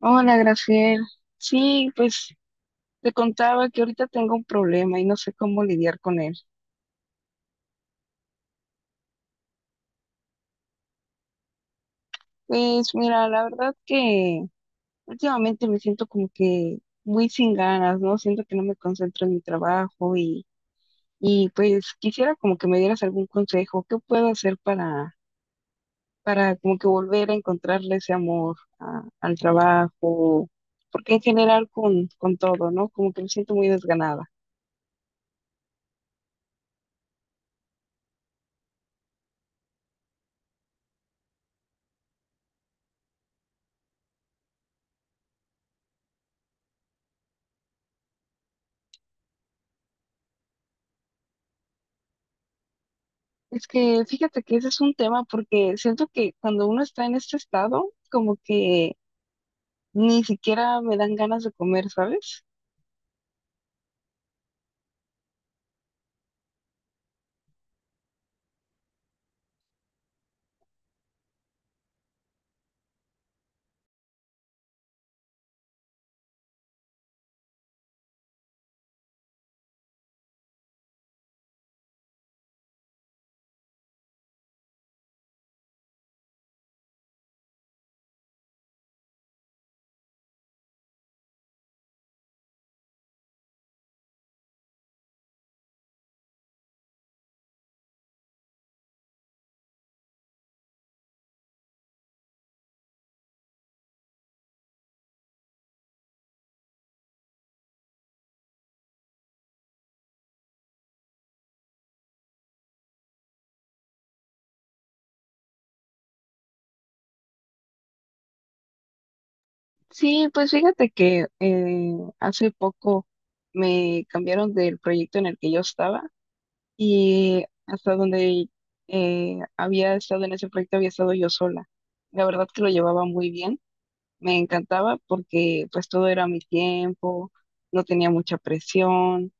Hola, Graciel. Sí, pues te contaba que ahorita tengo un problema y no sé cómo lidiar con él. Pues mira, la verdad que últimamente me siento como que muy sin ganas, ¿no? Siento que no me concentro en mi trabajo y pues quisiera como que me dieras algún consejo. ¿Qué puedo hacer para como que volver a encontrarle ese amor al trabajo? Porque en general con todo, ¿no? Como que me siento muy desganada. Es que fíjate que ese es un tema porque siento que cuando uno está en este estado, como que ni siquiera me dan ganas de comer, ¿sabes? Sí, pues fíjate que hace poco me cambiaron del proyecto en el que yo estaba y hasta donde había estado en ese proyecto había estado yo sola. La verdad que lo llevaba muy bien. Me encantaba porque pues todo era a mi tiempo, no tenía mucha presión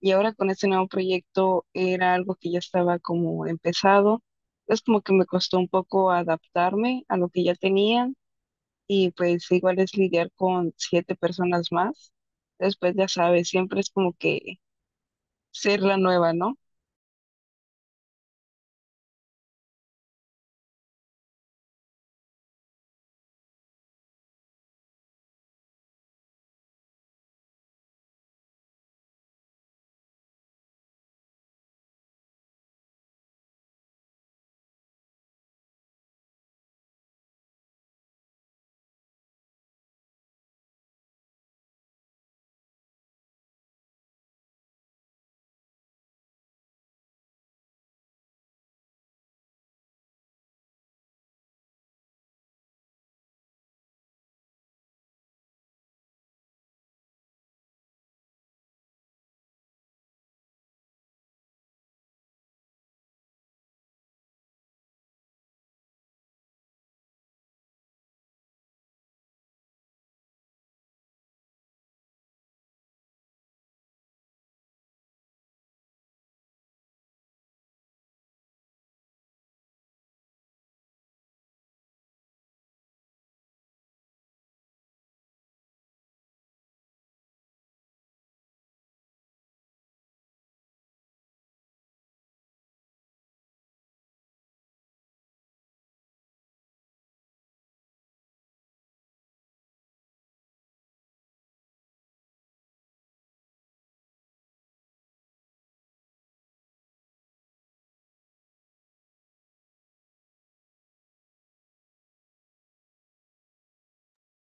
y ahora con este nuevo proyecto era algo que ya estaba como empezado. Es como que me costó un poco adaptarme a lo que ya tenía y pues igual es lidiar con 7 personas más. Después ya sabes, siempre es como que ser la nueva, ¿no?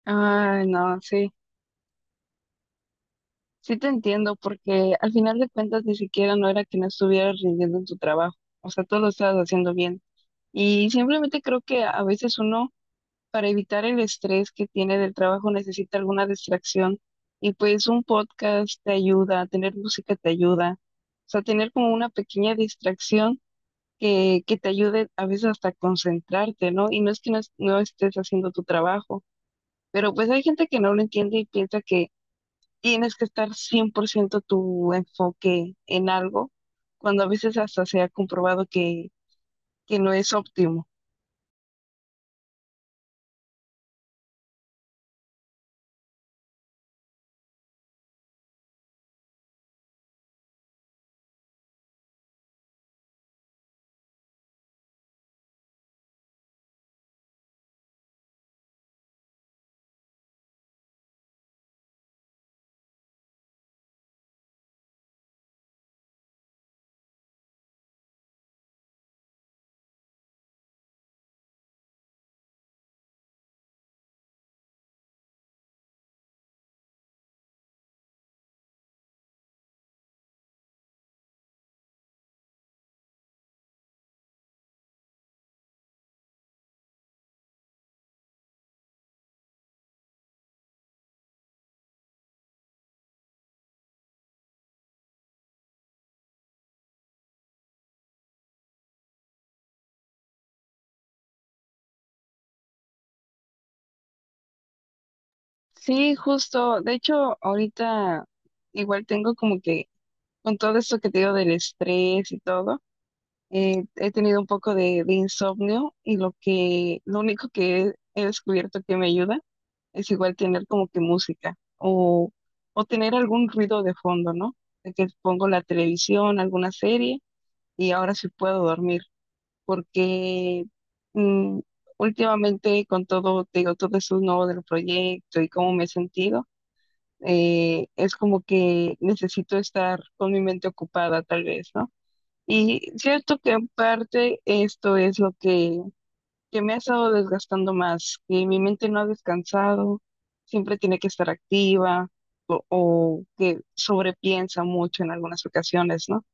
Ay, no, sí, sí te entiendo porque al final de cuentas ni siquiera no era que no estuvieras rindiendo en tu trabajo, o sea, todo lo estabas haciendo bien. Y simplemente creo que a veces uno, para evitar el estrés que tiene del trabajo, necesita alguna distracción. Y pues un podcast te ayuda, tener música te ayuda. O sea, tener como una pequeña distracción que te ayude a veces hasta a concentrarte, ¿no? Y no es que no, no estés haciendo tu trabajo, pero pues hay gente que no lo entiende y piensa que tienes que estar 100% tu enfoque en algo, cuando a veces hasta se ha comprobado que no es óptimo. Sí, justo. De hecho, ahorita igual tengo como que, con todo esto que te digo del estrés y todo, he tenido un poco de insomnio y lo único que he descubierto que me ayuda es igual tener como que música o tener algún ruido de fondo, ¿no? De que pongo la televisión, alguna serie y ahora sí puedo dormir porque mm, últimamente con todo, te digo, todo eso nuevo del proyecto y cómo me he sentido es como que necesito estar con mi mente ocupada tal vez, ¿no? Y cierto que en parte esto es lo que me ha estado desgastando más, que mi mente no ha descansado, siempre tiene que estar activa o que sobrepiensa mucho en algunas ocasiones, ¿no?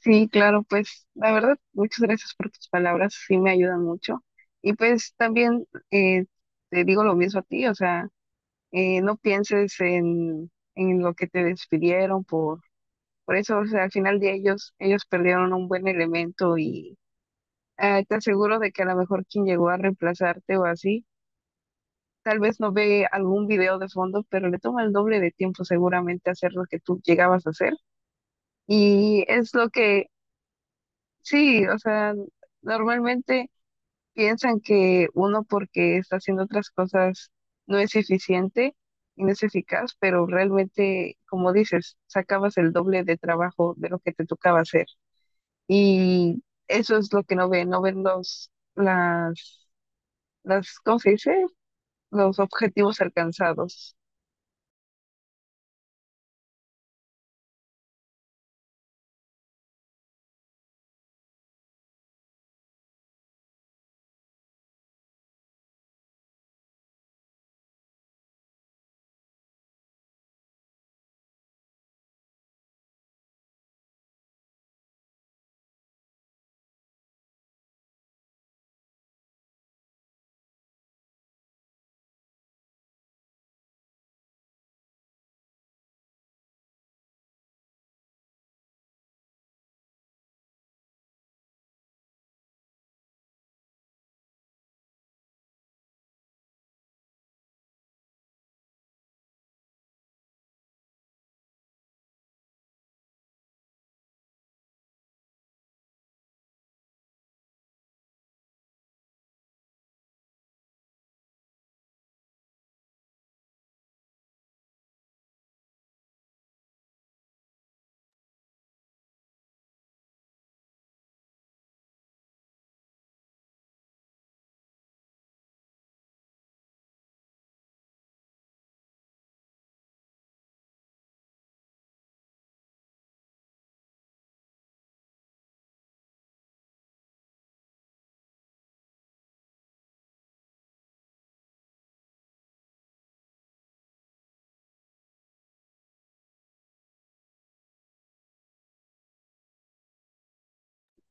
Sí, claro, pues la verdad, muchas gracias por tus palabras, sí me ayudan mucho. Y pues también eh, te digo lo mismo a ti, o sea, no pienses en lo que te despidieron por eso, o sea, al final de ellos perdieron un buen elemento y te aseguro de que a lo mejor quien llegó a reemplazarte o así, tal vez no ve algún video de fondo, pero le toma el doble de tiempo seguramente hacer lo que tú llegabas a hacer. Y es lo que, sí, o sea, normalmente piensan que uno porque está haciendo otras cosas no es eficiente y no es eficaz, pero realmente, como dices, sacabas el doble de trabajo de lo que te tocaba hacer. Y eso es lo que no ven, no ven los, las, ¿cómo se dice? Los objetivos alcanzados.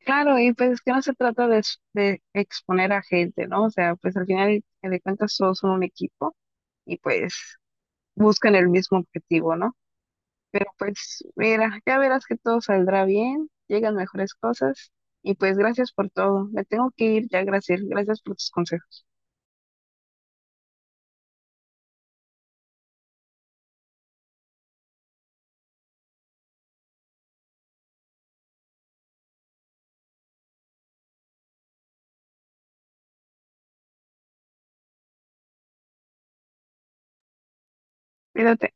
Claro, y pues es que no se trata de, de exponer a gente, ¿no? O sea, pues al final de cuentas todos son un equipo y pues buscan el mismo objetivo, ¿no? Pero pues mira, ya verás que todo saldrá bien, llegan mejores cosas y pues gracias por todo. Me tengo que ir ya, gracias, gracias por tus consejos. Cuídate.